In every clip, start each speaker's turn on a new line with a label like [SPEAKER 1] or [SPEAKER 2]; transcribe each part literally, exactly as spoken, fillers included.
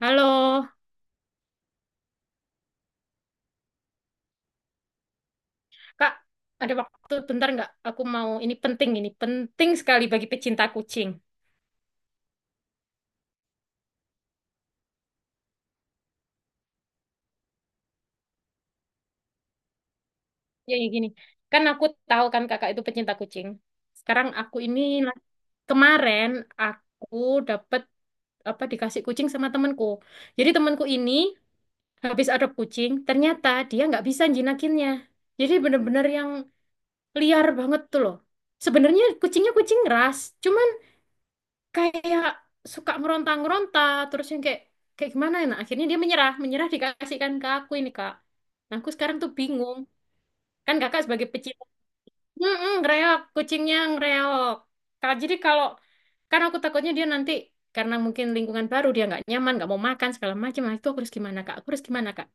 [SPEAKER 1] Halo, Kak, ada waktu bentar nggak? Aku mau ini penting ini penting sekali bagi pecinta kucing. Ya, ya gini, kan aku tahu kan kakak itu pecinta kucing. Sekarang aku ini kemarin aku dapat apa dikasih kucing sama temanku. Jadi temanku ini habis adop kucing, ternyata dia nggak bisa jinakinnya. Jadi bener-bener yang liar banget tuh loh. Sebenarnya kucingnya kucing ras, cuman kayak suka meronta-meronta terus yang kayak kayak gimana ya. Nah, akhirnya dia menyerah menyerah dikasihkan ke aku ini, kak. Nah, aku sekarang tuh bingung, kan kakak sebagai pecinta, mm ngereok kucingnya ngereok, kak. Jadi kalau, karena aku takutnya dia nanti karena mungkin lingkungan baru dia nggak nyaman, nggak mau makan segala macam. Nah, itu aku harus gimana, kak? Aku harus gimana, kak?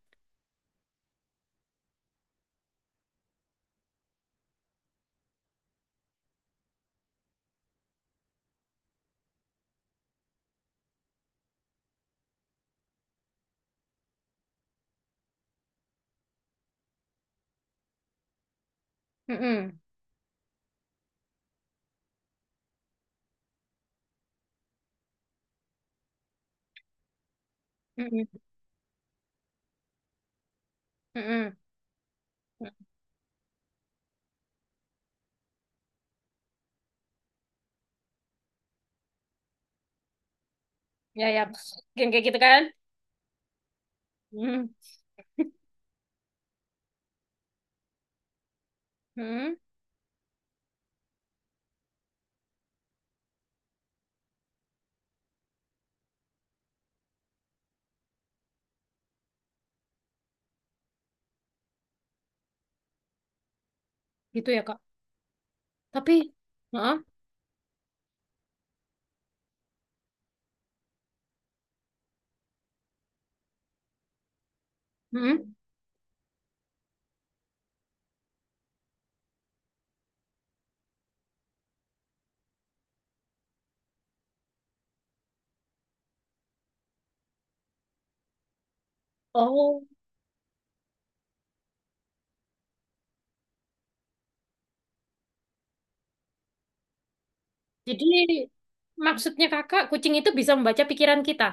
[SPEAKER 1] Mm-mm. Mm-mm. Mm-mm. Ya, ya, yang kayak gitu, kan? Mm-mm. Gitu ya, kak? Tapi. Heeh. Mm-mm. Oh. Jadi maksudnya kakak, kucing itu bisa membaca pikiran kita.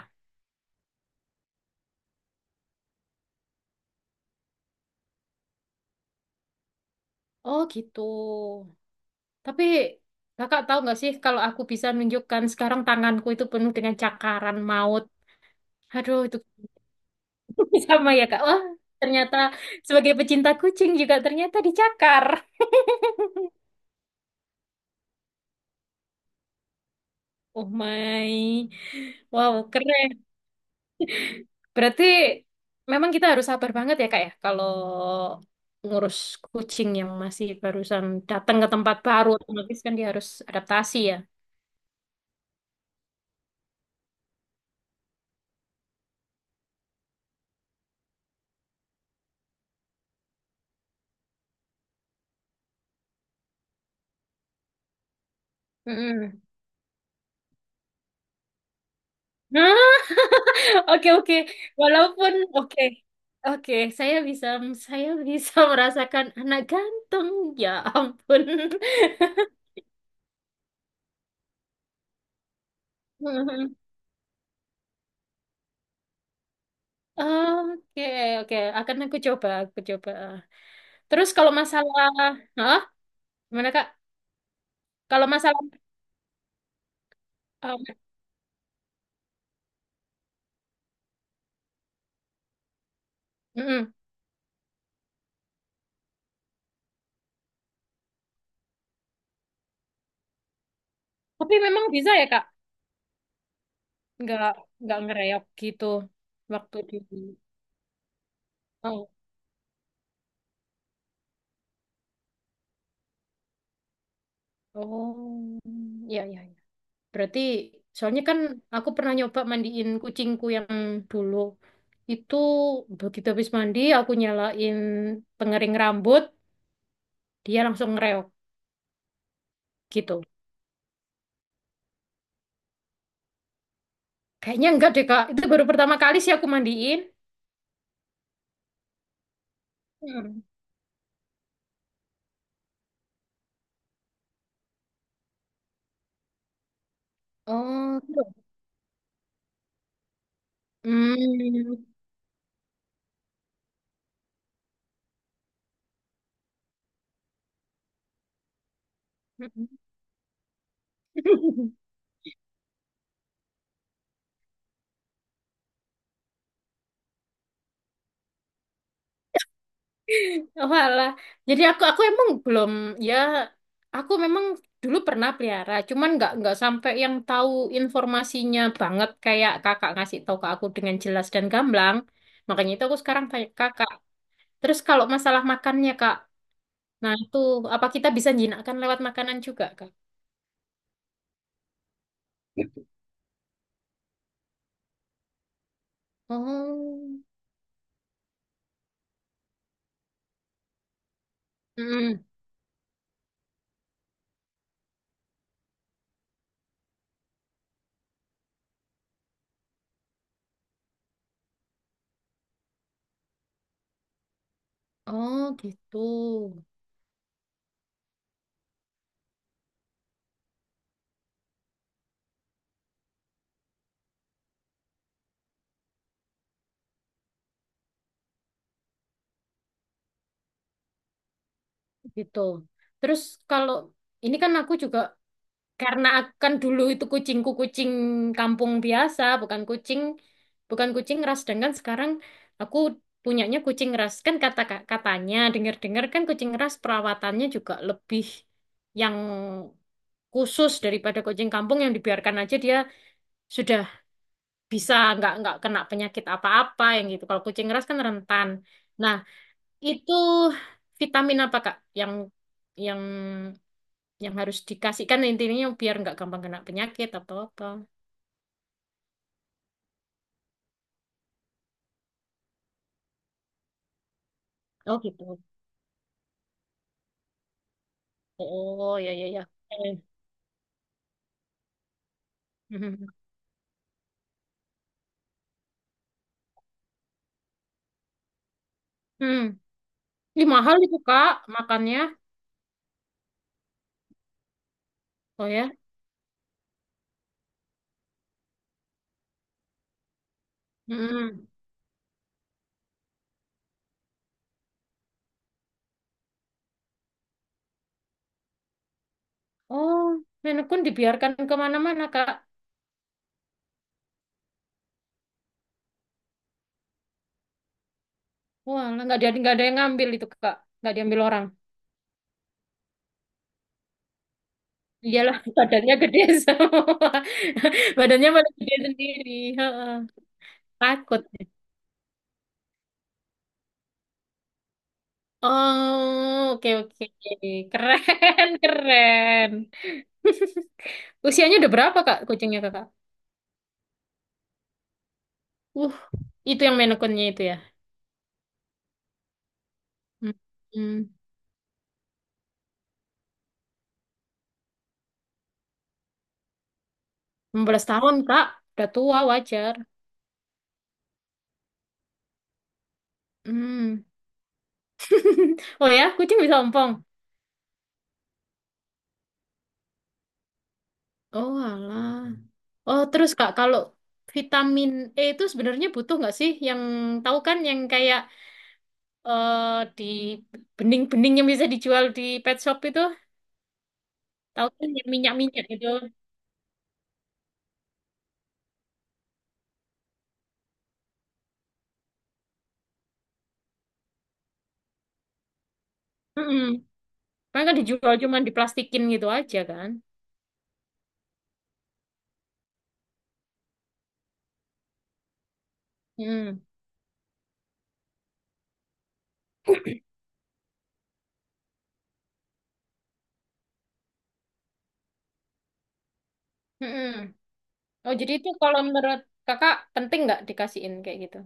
[SPEAKER 1] Oh gitu. Tapi kakak tahu nggak sih, kalau aku bisa nunjukkan, sekarang tanganku itu penuh dengan cakaran maut. Aduh itu sama ya, kak. Wah, ternyata sebagai pecinta kucing juga ternyata dicakar. Oh my. Wow, keren. Berarti memang kita harus sabar banget ya, Kak, ya, kalau ngurus kucing yang masih barusan datang ke tempat baru, otomatis kan dia harus adaptasi, ya. Mm-mm. Nah, oke, oke. Walaupun oke. Oke, saya bisa saya bisa merasakan anak ganteng. Ya ampun. Oke, oke. Akan aku coba, aku coba. Terus kalau masalah. Hah? Gimana, Kak? Kalau masalah, um, mm-mm. Tapi memang bisa ya, Kak, nggak nggak ngereok gitu waktu di. Oh, oh ya ya ya. Berarti soalnya kan aku pernah nyoba mandiin kucingku yang dulu itu, begitu habis mandi aku nyalain pengering rambut dia langsung ngereok gitu. Kayaknya enggak deh, Kak, itu baru pertama kali sih aku mandiin. Hmm. Oh, gitu. Hmm. Oh, alah. Jadi aku aku emang belum, ya, aku memang dulu pernah pelihara, cuman nggak nggak sampai yang tahu informasinya banget kayak kakak ngasih tahu ke aku dengan jelas dan gamblang. Makanya itu aku sekarang tanya ke kakak. Terus kalau masalah makannya, kak, nah itu apa kita bisa jinakkan lewat makanan juga, kak? Oh. Mm-mm. Oh gitu, gitu. Terus kalau ini kan aku juga. Karena akan dulu itu kucingku kucing kampung biasa, bukan kucing, bukan kucing ras, dengan sekarang aku punyanya kucing ras. Kan, kata katanya dengar-dengar, kan, kucing ras perawatannya juga lebih yang khusus daripada kucing kampung yang dibiarkan aja dia sudah bisa nggak nggak kena penyakit apa-apa yang gitu. Kalau kucing ras kan rentan. Nah, itu vitamin apa, Kak, yang yang yang harus dikasihkan, intinya biar nggak gampang kena penyakit atau apa. Oh gitu. Oh ya ya ya. Eh, mhm. Hmm. Ih, mahal itu, Kak, makannya. Oh ya. Hmm. Oh, nenek pun dibiarkan kemana-mana, Kak. Wah, lah, nggak ada nggak ada yang ngambil itu, Kak. Nggak diambil orang. Iyalah, badannya gede semua. Badannya malah gede sendiri. Heeh. Takut. Oh, oke, oke. Keren, keren. Usianya udah berapa, Kak, kucingnya, Kakak? Uh, itu yang Maine Coon-nya itu, ya. Hmm. Hmm. Enam belas tahun, Kak. Udah tua, wajar. Hmm. Oh ya, kucing bisa ompong. Oh, alah. Oh, terus, Kak, kalau vitamin E itu sebenarnya butuh nggak sih? Yang tahu kan, yang kayak, eh, di bening-bening yang bisa dijual di pet shop itu? Tahu kan, yang minyak-minyak gitu. Mm-mm. Kan kan dijual cuman diplastikin gitu aja, kan? Hmm. Mm-mm. Oh, jadi itu kalau menurut kakak penting nggak dikasihin kayak gitu?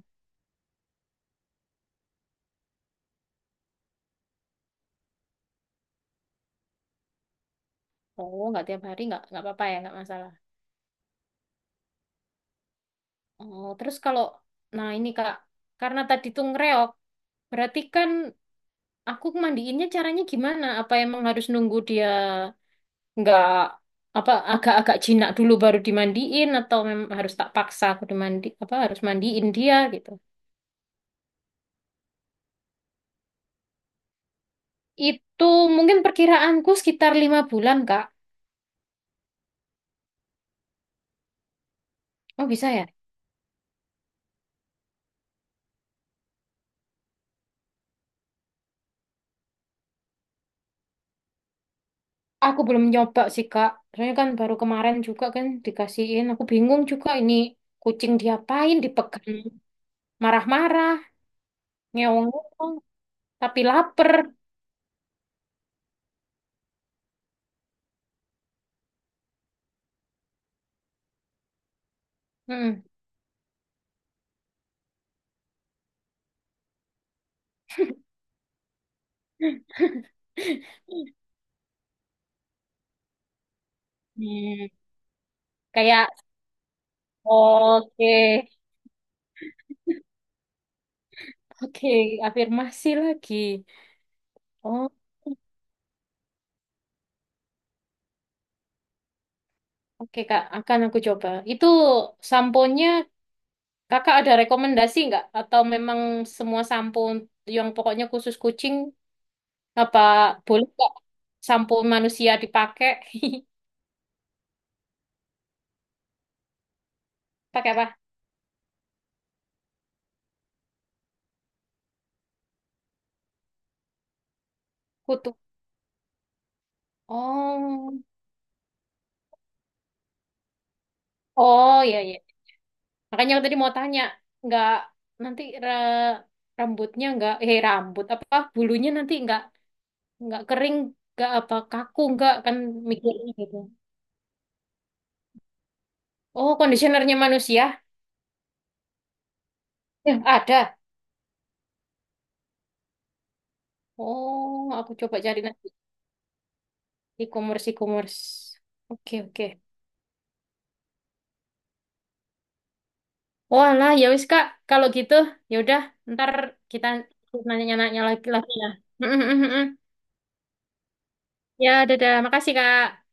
[SPEAKER 1] Oh, nggak tiap hari nggak nggak apa-apa ya, nggak masalah. Oh, terus kalau, nah ini kak, karena tadi tuh ngereok, berarti kan aku mandiinnya caranya gimana? Apa emang harus nunggu dia nggak apa, agak-agak jinak dulu baru dimandiin, atau memang harus tak paksa aku dimandi, apa harus mandiin dia gitu? Itu mungkin perkiraanku sekitar lima bulan, kak. Oh bisa ya? Aku belum nyoba sih, Kak. Soalnya kan baru kemarin juga kan dikasihin. Aku bingung juga, ini kucing diapain, dipegang marah-marah, ngeong-ngeong, tapi lapar. Hmm. Hmm. Kayak, oke, oke, afirmasi lagi. Oh, oke, Kak. Akan aku coba. Itu sampo nya Kakak ada rekomendasi nggak? Atau memang semua sampo yang pokoknya khusus kucing. Apa boleh kok sampo manusia dipakai? Pakai apa? Kutu. Oh, oh ya ya. Makanya aku tadi mau tanya, nggak nanti ra- rambutnya nggak, eh, rambut apa bulunya nanti nggak nggak kering, nggak apa kaku nggak, kan mikirnya gitu. Oh, kondisionernya manusia? Ya, ada. Oh, aku coba cari nanti, e-commerce e-commerce. Oke, oke. Walah, ya wis, Kak, kalau gitu ya udah, ntar kita nanya-nanya lagi lagi ya. Ya, dadah. Makasih, Kak.